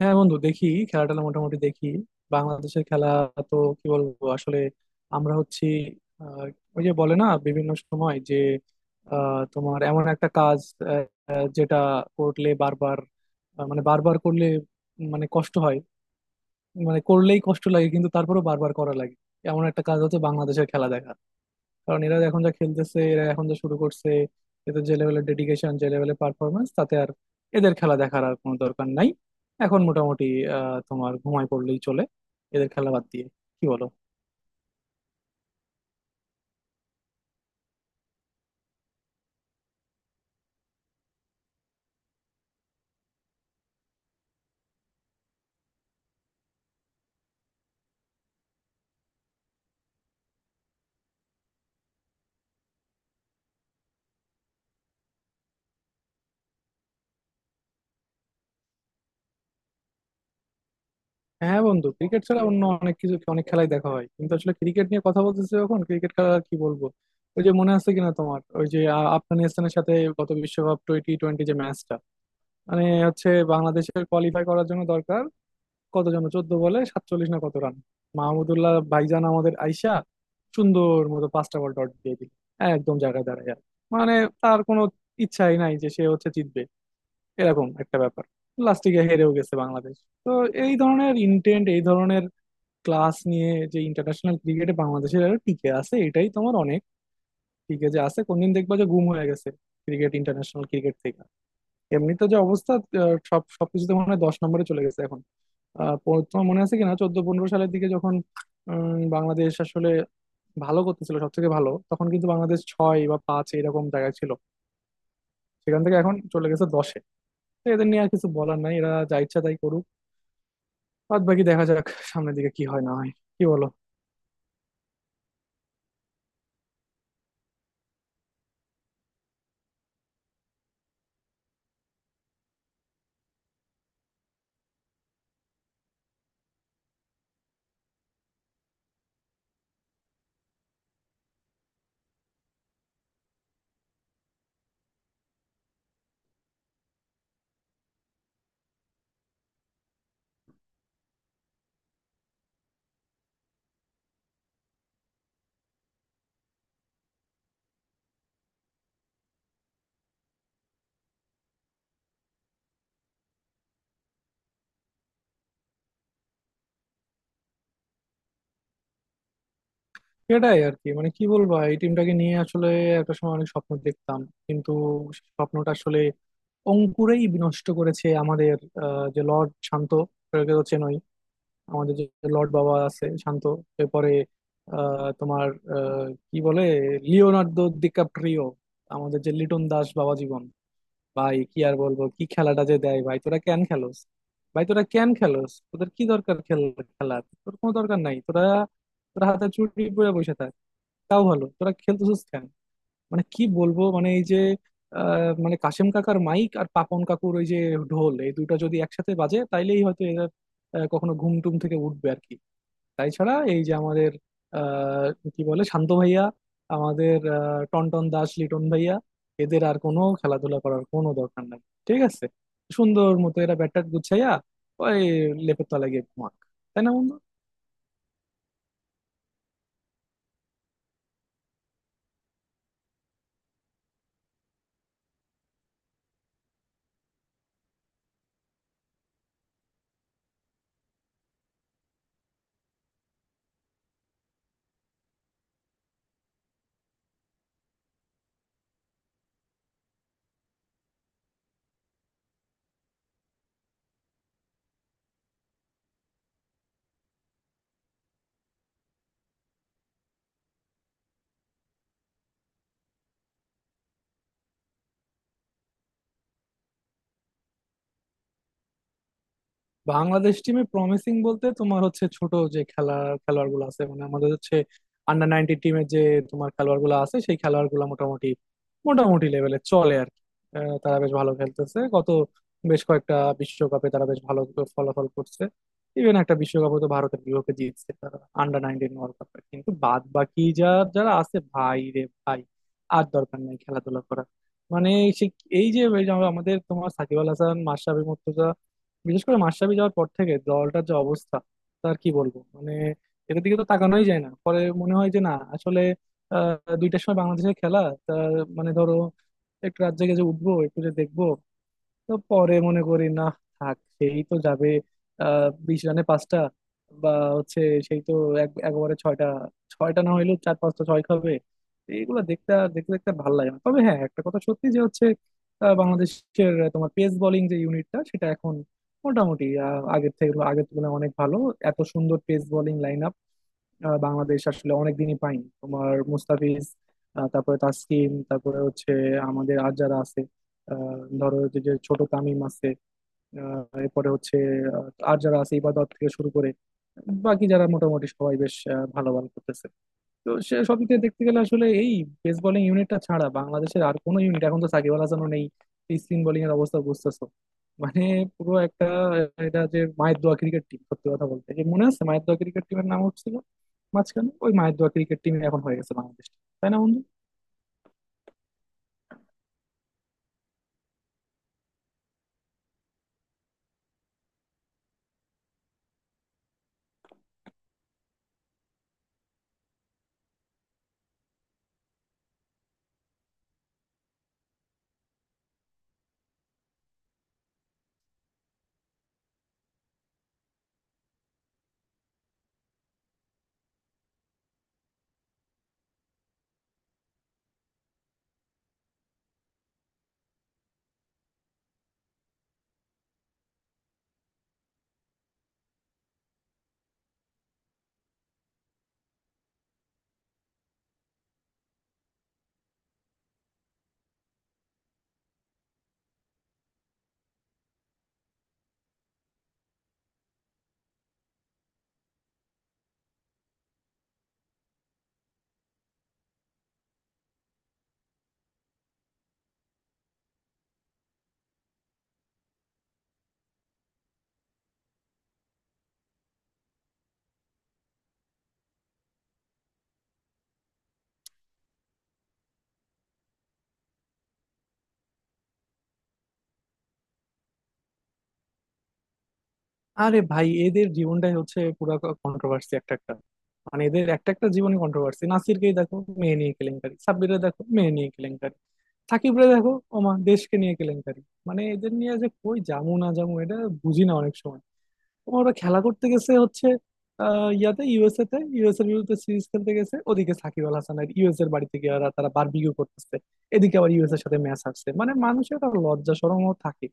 হ্যাঁ বন্ধু, দেখি খেলা টেলা মোটামুটি দেখি। বাংলাদেশের খেলা, তো কি বলবো আসলে? আমরা হচ্ছি, আহ, ওই যে বলে না বিভিন্ন সময় যে তোমার এমন একটা কাজ, আহ, যেটা করলে বারবার, মানে বারবার করলে, মানে কষ্ট হয়, মানে করলেই কষ্ট লাগে কিন্তু তারপরেও বারবার করা লাগে। এমন একটা কাজ হচ্ছে বাংলাদেশের খেলা দেখা। কারণ এরা এখন যা খেলতেছে, এরা এখন যা শুরু করছে, এদের যে লেভেলের ডেডিকেশন, যে লেভেলের পারফরমেন্স, তাতে আর এদের খেলা দেখার আর কোনো দরকার নাই। এখন মোটামুটি তোমার ঘুমায় পড়লেই চলে এদের খেলা বাদ দিয়ে। কি বলো? হ্যাঁ বন্ধু, ক্রিকেট ছাড়া অন্য অনেক কিছু অনেক খেলাই দেখা হয় কিন্তু আসলে ক্রিকেট নিয়ে কথা বলতেছি যখন, ক্রিকেট খেলা আর কি বলবো। ওই যে মনে আছে কিনা তোমার, ওই যে আফগানিস্তানের সাথে গত বিশ্বকাপ টোয়েন্টি টোয়েন্টি, যে ম্যাচটা, মানে হচ্ছে বাংলাদেশের কোয়ালিফাই করার জন্য দরকার, কত যেন 14 বলে 47, না কত রান। মাহমুদুল্লাহ ভাইজান আমাদের আইসা সুন্দর মতো পাঁচটা বল ডট দিয়ে দিল, একদম জায়গায় দাঁড়ায় আর। মানে তার কোনো ইচ্ছাই নাই যে সে হচ্ছে জিতবে, এরকম একটা ব্যাপার। লাস্টে গিয়ে হেরেও গেছে বাংলাদেশ। তো এই ধরনের ইন্টেন্ট, এই ধরনের ক্লাস নিয়ে যে ইন্টারন্যাশনাল ক্রিকেটে বাংলাদেশের আরো টিকে আছে, এটাই তোমার অনেক। টিকে যে আছে, কোনদিন দেখবা যে গুম হয়ে গেছে ক্রিকেট, ইন্টারন্যাশনাল ক্রিকেট থেকে। এমনিতে যে অবস্থা, সব সবকিছুতে মনে হয় 10 নম্বরে চলে গেছে এখন। তোমার মনে আছে কিনা 14-15 সালের দিকে যখন বাংলাদেশ আসলে ভালো করতেছিল, সব থেকে ভালো তখন কিন্তু বাংলাদেশ ছয় বা পাঁচ এরকম জায়গায় ছিল। সেখান থেকে এখন চলে গেছে দশে। তো এদের নিয়ে আর কিছু বলার নাই, এরা যা ইচ্ছা তাই করুক। বাদ বাকি দেখা যাক সামনের দিকে কি হয় না হয়। কি বলো? সেটাই আর কি, মানে কি বলবো, এই টিমটাকে নিয়ে আসলে একটা সময় অনেক স্বপ্ন দেখতাম, কিন্তু সে স্বপ্নটা আসলে অঙ্কুরেই বিনষ্ট করেছে আমাদের যে লর্ড শান্ত, একে তো চেনই, আমাদের যে লর্ড বাবা আছে শান্ত। এরপরে আহ, তোমার কি বলে, লিওনার্দো ডিক্যাপ্রিও, আমাদের যে লিটন দাস বাবা জীবন। ভাই, কি আর বলবো, কি খেলাটা যে দেয়। ভাই তোরা কেন খেলোস? ভাই তোরা কেন খেলোস, তোদের কি দরকার খেল, খেলার তোর কোনো দরকার নাই। তোরা, তোরা হাতে চুড়ি পরে বসে থাক, তাও ভালো। তোরা খেলতেছিস কেন? মানে কি বলবো, মানে এই যে মানে কাশেম কাকার মাইক আর পাপন কাকুর ওই যে ঢোল, এই দুটো যদি একসাথে বাজে তাইলেই হয়তো এরা কখনো ঘুম টুম থেকে উঠবে আর কি। তাই ছাড়া এই যে আমাদের আহ কি বলে শান্ত ভাইয়া, আমাদের টনটন দাস লিটন ভাইয়া, এদের আর কোনো খেলাধুলা করার কোনো দরকার নাই। ঠিক আছে? সুন্দর মতো এরা ব্যাট ট্যাট গুছাইয়া ওই লেপের তলায় গিয়ে ঘুমাক। তাই না বন্ধু? বাংলাদেশ টিমে প্রমিসিং বলতে তোমার হচ্ছে ছোট যে খেলা, খেলোয়াড় গুলো আছে, মানে আমাদের হচ্ছে আন্ডার নাইনটিন টিমে যে তোমার খেলোয়াড় গুলো আছে, সেই খেলোয়াড় গুলো মোটামুটি মোটামুটি লেভেলে চলে আর কি। তারা বেশ ভালো খেলতেছে গত বেশ কয়েকটা বিশ্বকাপে, তারা বেশ ভালো ফলাফল করছে। ইভেন একটা বিশ্বকাপে তো ভারতের বিপক্ষে জিতছে তারা আন্ডার নাইনটিন ওয়ার্ল্ড কাপে। কিন্তু বাদ বাকি যা, যারা আছে, ভাই রে ভাই, আর দরকার নেই খেলাধুলা করার। মানে সে, এই যে এই যে আমাদের তোমার সাকিব আল হাসান, মাশরাফি মুর্তজা, বিশেষ করে মাশরাফি যাওয়ার পর থেকে দলটার যে অবস্থা, তার কি বলবো মানে। এটার দিকে তো তাকানোই যায় না, পরে মনে হয় যে না আসলে 2টার সময় বাংলাদেশের খেলা, তা মানে ধরো একটু রাত জেগে যে উঠবো, একটু যে দেখবো, তো পরে মনে করি না, থাক, সেই তো যাবে 20 রানে 5টা, বা হচ্ছে সেই তো এক একবারে ছয়টা, ছয়টা না হইলেও চার পাঁচটা ছয় খাবে। তো এইগুলো দেখতে দেখতে দেখতে ভালো লাগে না। তবে হ্যাঁ একটা কথা সত্যি, যে হচ্ছে বাংলাদেশের তোমার পেস বোলিং যে ইউনিটটা, সেটা এখন মোটামুটি আগের থেকে, আগের তুলনায় অনেক ভালো। এত সুন্দর পেস বোলিং লাইন বাংলাদেশ আসলে অনেকদিনই পাইনি। তোমার মুস্তাফিজ, তারপরে তাসকিন, তারপরে হচ্ছে আমাদের আর যারা আছে, ধরো যে যে ছোট তামিম আছে, এরপরে হচ্ছে আর যারা আছে ইবাদত থেকে শুরু করে বাকি যারা মোটামুটি সবাই বেশ ভালো ভালো করতেছে। তো সে সব দিক থেকে দেখতে গেলে আসলে এই পেস বোলিং ইউনিটটা ছাড়া বাংলাদেশের আর কোনো ইউনিট এখন, তো সাকিব আল হাসানও নেই, স্পিন বোলিং এর অবস্থা বুঝতেছো। মানে পুরো একটা, এটা যে মায়ের দোয়া ক্রিকেট টিম, সত্যি কথা বলতে, যে মনে আছে মায়ের দোয়া ক্রিকেট টিমের নাম হচ্ছিল মাঝখানে, ওই মায়ের দোয়া ক্রিকেট টিম এখন হয়ে গেছে বাংলাদেশ। তাই না বন্ধু? আরে ভাই, এদের জীবনটাই হচ্ছে পুরা কন্ট্রোভার্সি। একটা একটা মানে এদের একটা একটা জীবনে কন্ট্রোভার্সি। নাসিরকেই দেখো, মেয়ে নিয়ে কেলেঙ্কারি, সাব্বিরে দেখো মেয়ে নিয়ে কেলেঙ্কারি, সাকিবরে দেখো ওমা দেশকে নিয়ে কেলেঙ্কারি। মানে এদের নিয়ে যে কই জামু না জামু, এটা বুঝি না অনেক সময়। তোমার ওরা খেলা করতে গেছে হচ্ছে ইয়াতে, ইউএসএ তে, ইউএস এর বিরুদ্ধে সিরিজ খেলতে গেছে, ওদিকে সাকিব আল হাসান আর ইউএস এর বাড়িতে গিয়ে ওরা, তারা বারবিকিউ করতেছে। এদিকে আবার ইউএস এর সাথে ম্যাচ আসছে। মানে মানুষের একটা লজ্জা শরমও থাকে,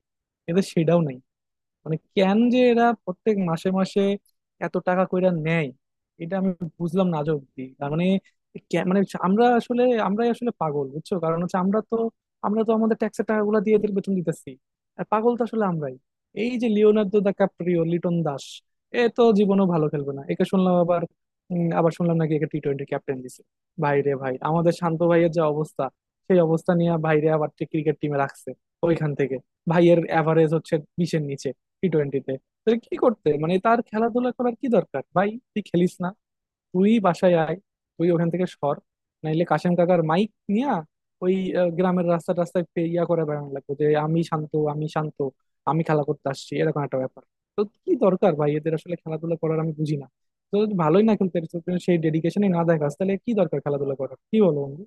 এদের সেটাও নাই। মানে কেন যে এরা প্রত্যেক মাসে মাসে এত টাকা কইরা নেয়, এটা আমি বুঝলাম না আজ অব্দি। তার মানে মানে আমরা আসলে, আমরাই আসলে পাগল, বুঝছো? কারণ হচ্ছে আমরা তো আমাদের ট্যাক্সের টাকাগুলো দিয়ে এদের বেতন দিতেছি। আর পাগল তো আসলে আমরাই। এই যে Leonardo DiCaprio Liton Das, এ তো জীবনও ভালো খেলবে না, একে শুনলাম আবার, আবার শুনলাম নাকি একে টি টোয়েন্টি ক্যাপ্টেন দিছে। ভাই রে ভাই, আমাদের শান্ত ভাইয়ের যে অবস্থা, সেই অবস্থা নিয়ে ভাইরে আবার ক্রিকেট টিমে রাখছে। ওইখান থেকে ভাইয়ের অ্যাভারেজ হচ্ছে 20-এর নিচে টি টোয়েন্টিতে। তাহলে কি করতে, মানে তার খেলাধুলা করার কি দরকার? ভাই তুই খেলিস না, তুই বাসায় আয়, তুই ওখান থেকে সর। নাইলে কাশেম কাকার মাইক নিয়া ওই গ্রামের রাস্তা রাস্তায় ইয়া করে বেড়ানো লাগবে যে আমি শান্ত, আমি শান্ত, আমি খেলা করতে আসছি, এরকম একটা ব্যাপার। তো কি দরকার ভাই এদের আসলে খেলাধুলা করার, আমি বুঝি না। তো যদি ভালোই না খেলতে পারিস, তো সেই ডেডিকেশনই না দেখাস, তাহলে কি দরকার খেলাধুলা করার, কি বলো বন্ধু?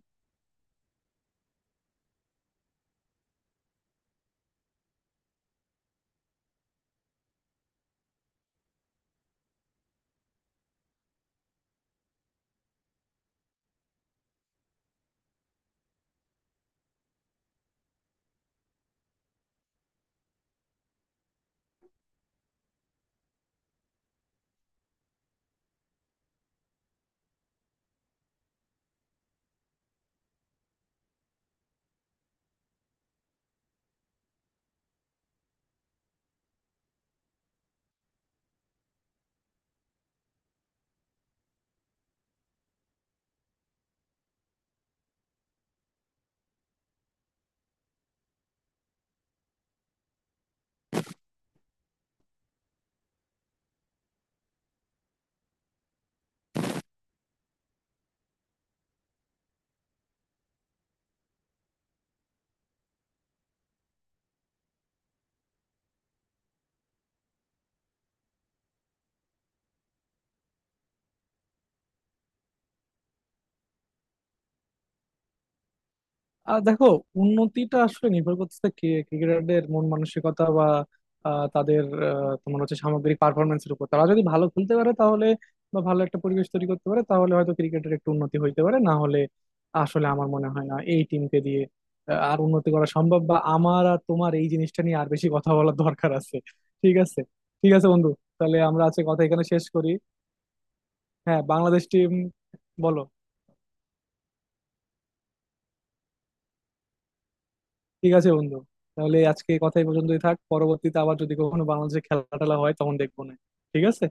আর দেখো, উন্নতিটা আসলে নির্ভর করতেছে কে ক্রিকেটারদের মন মানসিকতা বা তাদের তোমার হচ্ছে সামগ্রিক পারফরমেন্সের উপর। তারা যদি ভালো খেলতে পারে তাহলে, বা ভালো একটা পরিবেশ তৈরি করতে পারে তাহলে হয়তো ক্রিকেটের একটু উন্নতি হইতে পারে, না হলে আসলে আমার মনে হয় না এই টিমকে দিয়ে আর উন্নতি করা সম্ভব। বা আমার আর তোমার এই জিনিসটা নিয়ে আর বেশি কথা বলার দরকার আছে। ঠিক আছে? ঠিক আছে বন্ধু। তাহলে আমরা আজকে কথা এখানে শেষ করি। হ্যাঁ বাংলাদেশ টিম। বলো। ঠিক আছে বন্ধু, তাহলে আজকে কথা এই পর্যন্তই থাক। পরবর্তীতে আবার যদি কখনো বাংলাদেশে খেলা টেলা হয় তখন দেখবো। না, ঠিক আছে।